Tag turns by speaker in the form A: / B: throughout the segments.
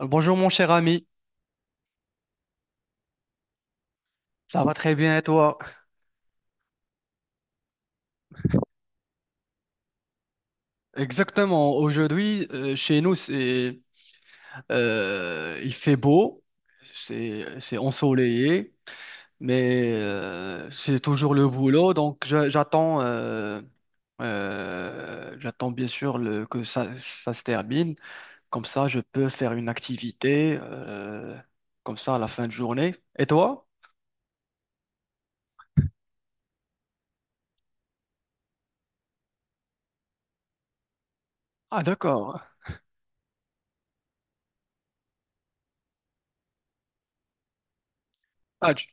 A: Bonjour mon cher ami, ça va très bien et toi? Exactement, aujourd'hui chez nous c'est il fait beau, c'est ensoleillé, mais c'est toujours le boulot donc j'attends j'attends bien sûr que ça se termine, comme ça je peux faire une activité comme ça à la fin de journée. Et toi? Ah, d'accord. Ah, tu-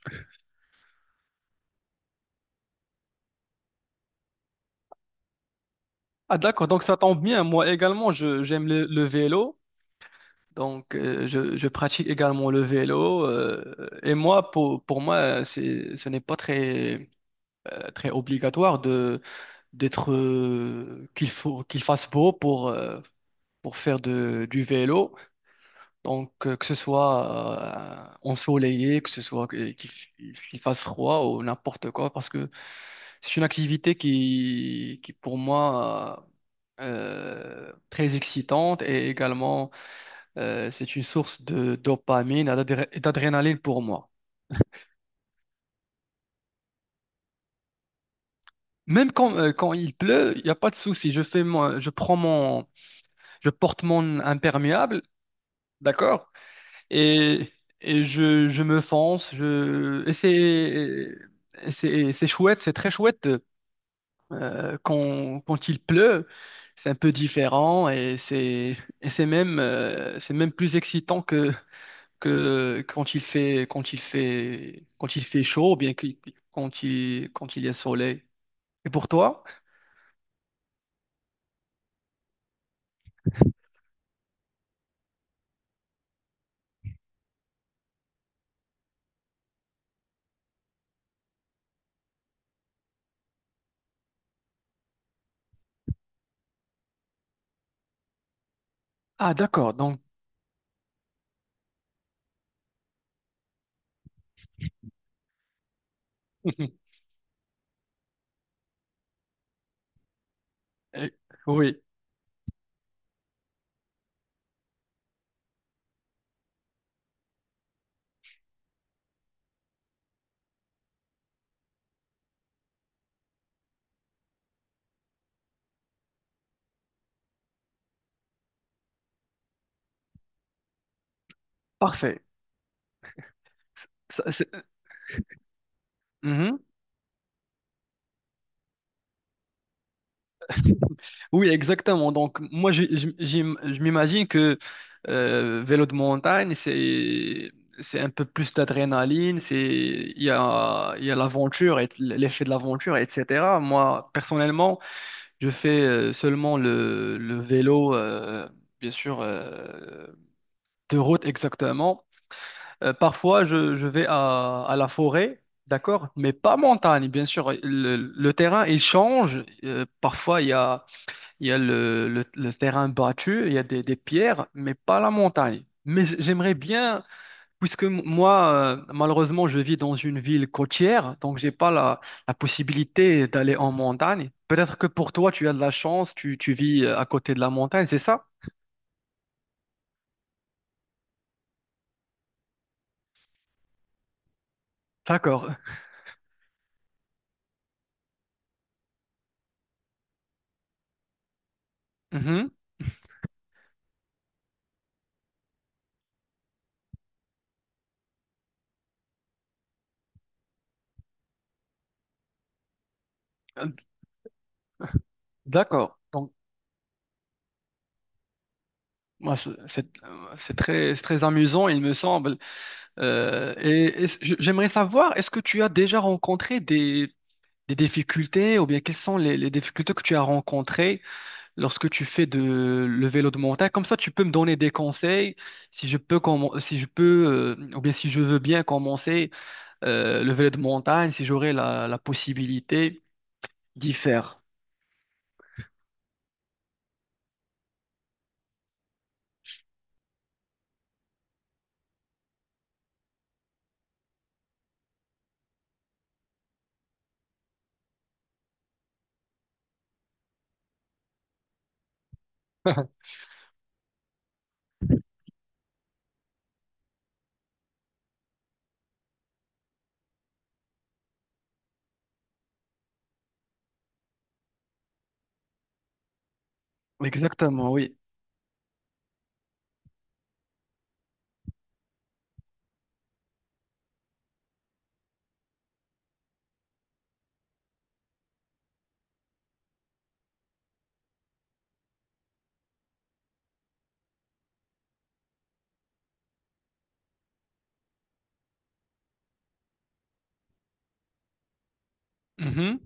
A: ah, d'accord, donc ça tombe bien. Moi également, j'aime le vélo. Donc, je pratique également le vélo. Et moi, pour moi, c'est, ce n'est pas très, très obligatoire d'être, qu'il faut, qu'il fasse beau pour faire du vélo. Donc, que ce soit ensoleillé, que ce soit qu'il fasse froid ou n'importe quoi, parce que c'est une activité qui pour moi, très excitante et également c'est une source de dopamine et d'adrénaline pour moi. Même quand, quand il pleut, il n'y a pas de souci. Je prends mon, je porte mon imperméable, d'accord? Et, je me fonce. Et c'est chouette, c'est très chouette quand il pleut. C'est un peu différent et c'est même plus excitant que que quand il fait chaud ou quand il y a soleil. Et pour toi? Ah, d'accord, donc Euh, oui, parfait. Ça, c'est- Mhm. Oui, exactement. Donc moi je m'imagine que vélo de montagne c'est un peu plus d'adrénaline, c'est il y a l'aventure et l'effet de l'aventure, etc. Moi personnellement je fais seulement le vélo, bien sûr, euh, de route exactement. Je vais à la forêt, d'accord, mais pas montagne, bien sûr. Le terrain, il change. Parfois, il y a le terrain battu, il y a des pierres, mais pas la montagne. Mais j'aimerais bien. Puisque moi, malheureusement, je vis dans une ville côtière, donc j'ai pas la possibilité d'aller en montagne. Peut-être que pour toi, tu as de la chance, tu vis à côté de la montagne, c'est ça? D'accord. Mhm. Euh, D'accord. Donc, moi, c'est très amusant, il me semble. J'aimerais savoir, est-ce que tu as déjà rencontré des difficultés ou bien quelles sont les difficultés que tu as rencontrées lorsque tu fais le vélo de montagne. Comme ça, tu peux me donner des conseils si je peux, si je peux ou bien si je veux bien commencer le vélo de montagne, si j'aurai la possibilité d'y faire. Exactement, oui. Mhm.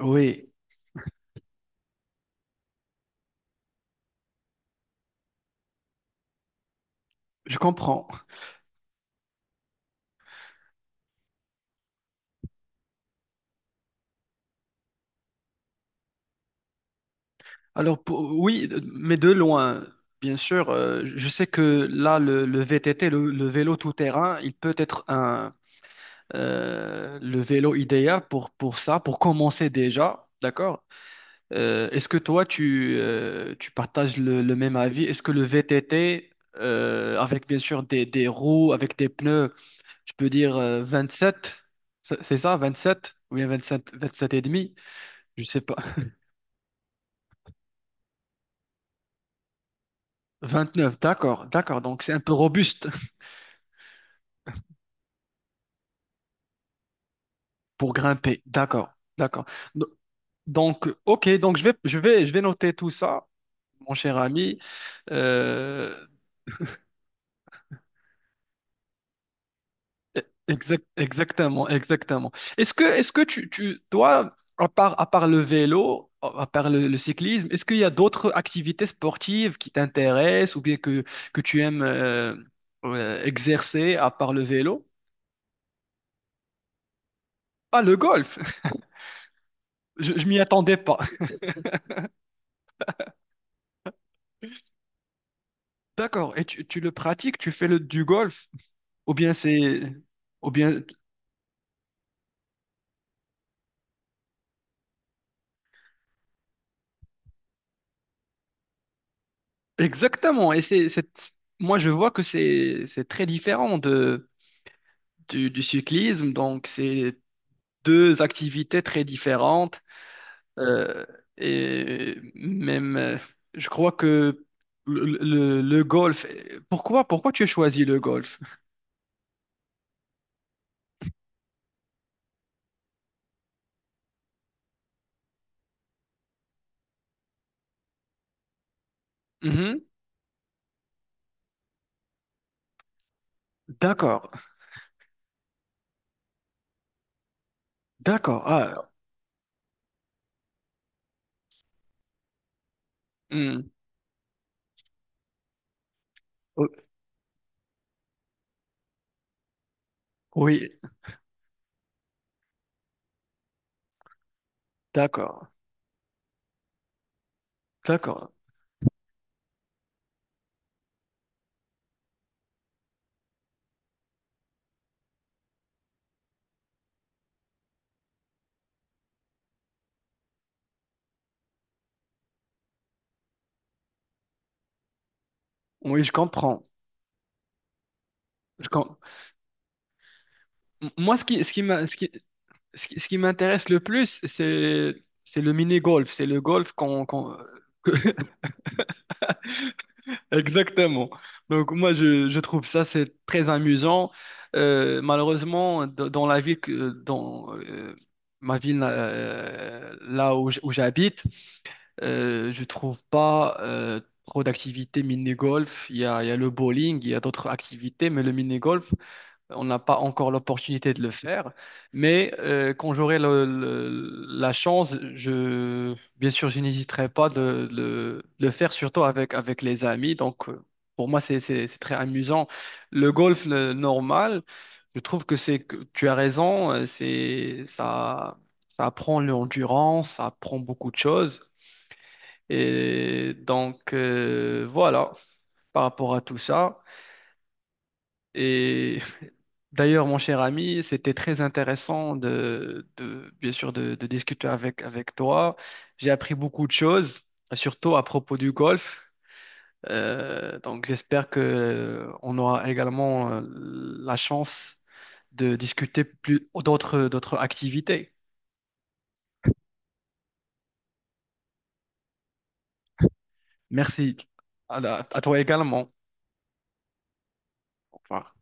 A: Oui, je comprends. Alors, oui, mais de loin, bien sûr. Je sais que là, le VTT, le vélo tout-terrain, il peut être le vélo idéal pour ça, pour commencer déjà, d'accord? Est-ce que toi, tu, tu partages le même avis? Est-ce que le VTT, avec bien sûr des roues, avec des pneus, je peux dire 27, c'est ça, 27? Ou bien 27, 27 et demi? Je sais pas. 29, d'accord, d'accord. Donc c'est un peu robuste pour grimper. D'accord, d'accord. Do- ok, donc je vais noter tout ça, mon cher ami. Euh, Exact- exactement, exactement. Est-ce que toi, à part le vélo, à part le cyclisme, est-ce qu'il y a d'autres activités sportives qui t'intéressent ou bien que tu aimes exercer à part le vélo? Ah, le golf! Je m'y attendais pas. D'accord. Et tu le pratiques, tu fais du golf? Ou bien c'est... Ou bien... Exactement. Et c'est... Moi, je vois que c'est très différent du cyclisme. Donc, c'est deux activités très différentes. euh, et même, euh, je crois que le golf. Pourquoi tu as choisi le golf? Mhm. D'accord, d'accord. Ah, hmm. O- Oui, d'accord, d'accord. Oui, je comprends. Je com- Moi, ce qui m'a- ce qui, ce qui- ce qui m'intéresse le plus, c'est le mini-golf. C'est le golf que- Exactement. Donc moi je trouve ça c'est très amusant. Malheureusement dans la ville que dans ma ville là où où j'habite, je trouve pas trop d'activités mini-golf. Il y a le bowling, il y a d'autres activités, mais le mini-golf on n'a pas encore l'opportunité de le faire, mais quand j'aurai la chance, je, bien sûr, je n'hésiterai pas de le faire, surtout avec les amis. Donc, pour moi, c'est très amusant. Le golf, le normal, je trouve que c'est, que tu as raison, ça apprend l'endurance, ça apprend beaucoup de choses. Et donc, voilà, par rapport à tout ça. Et d'ailleurs, mon cher ami, c'était très intéressant bien sûr, de discuter avec toi. J'ai appris beaucoup de choses, surtout à propos du golf. Donc, j'espère que on aura également la chance de discuter plus d'autres, d'autres activités. Merci à toi également. Au revoir.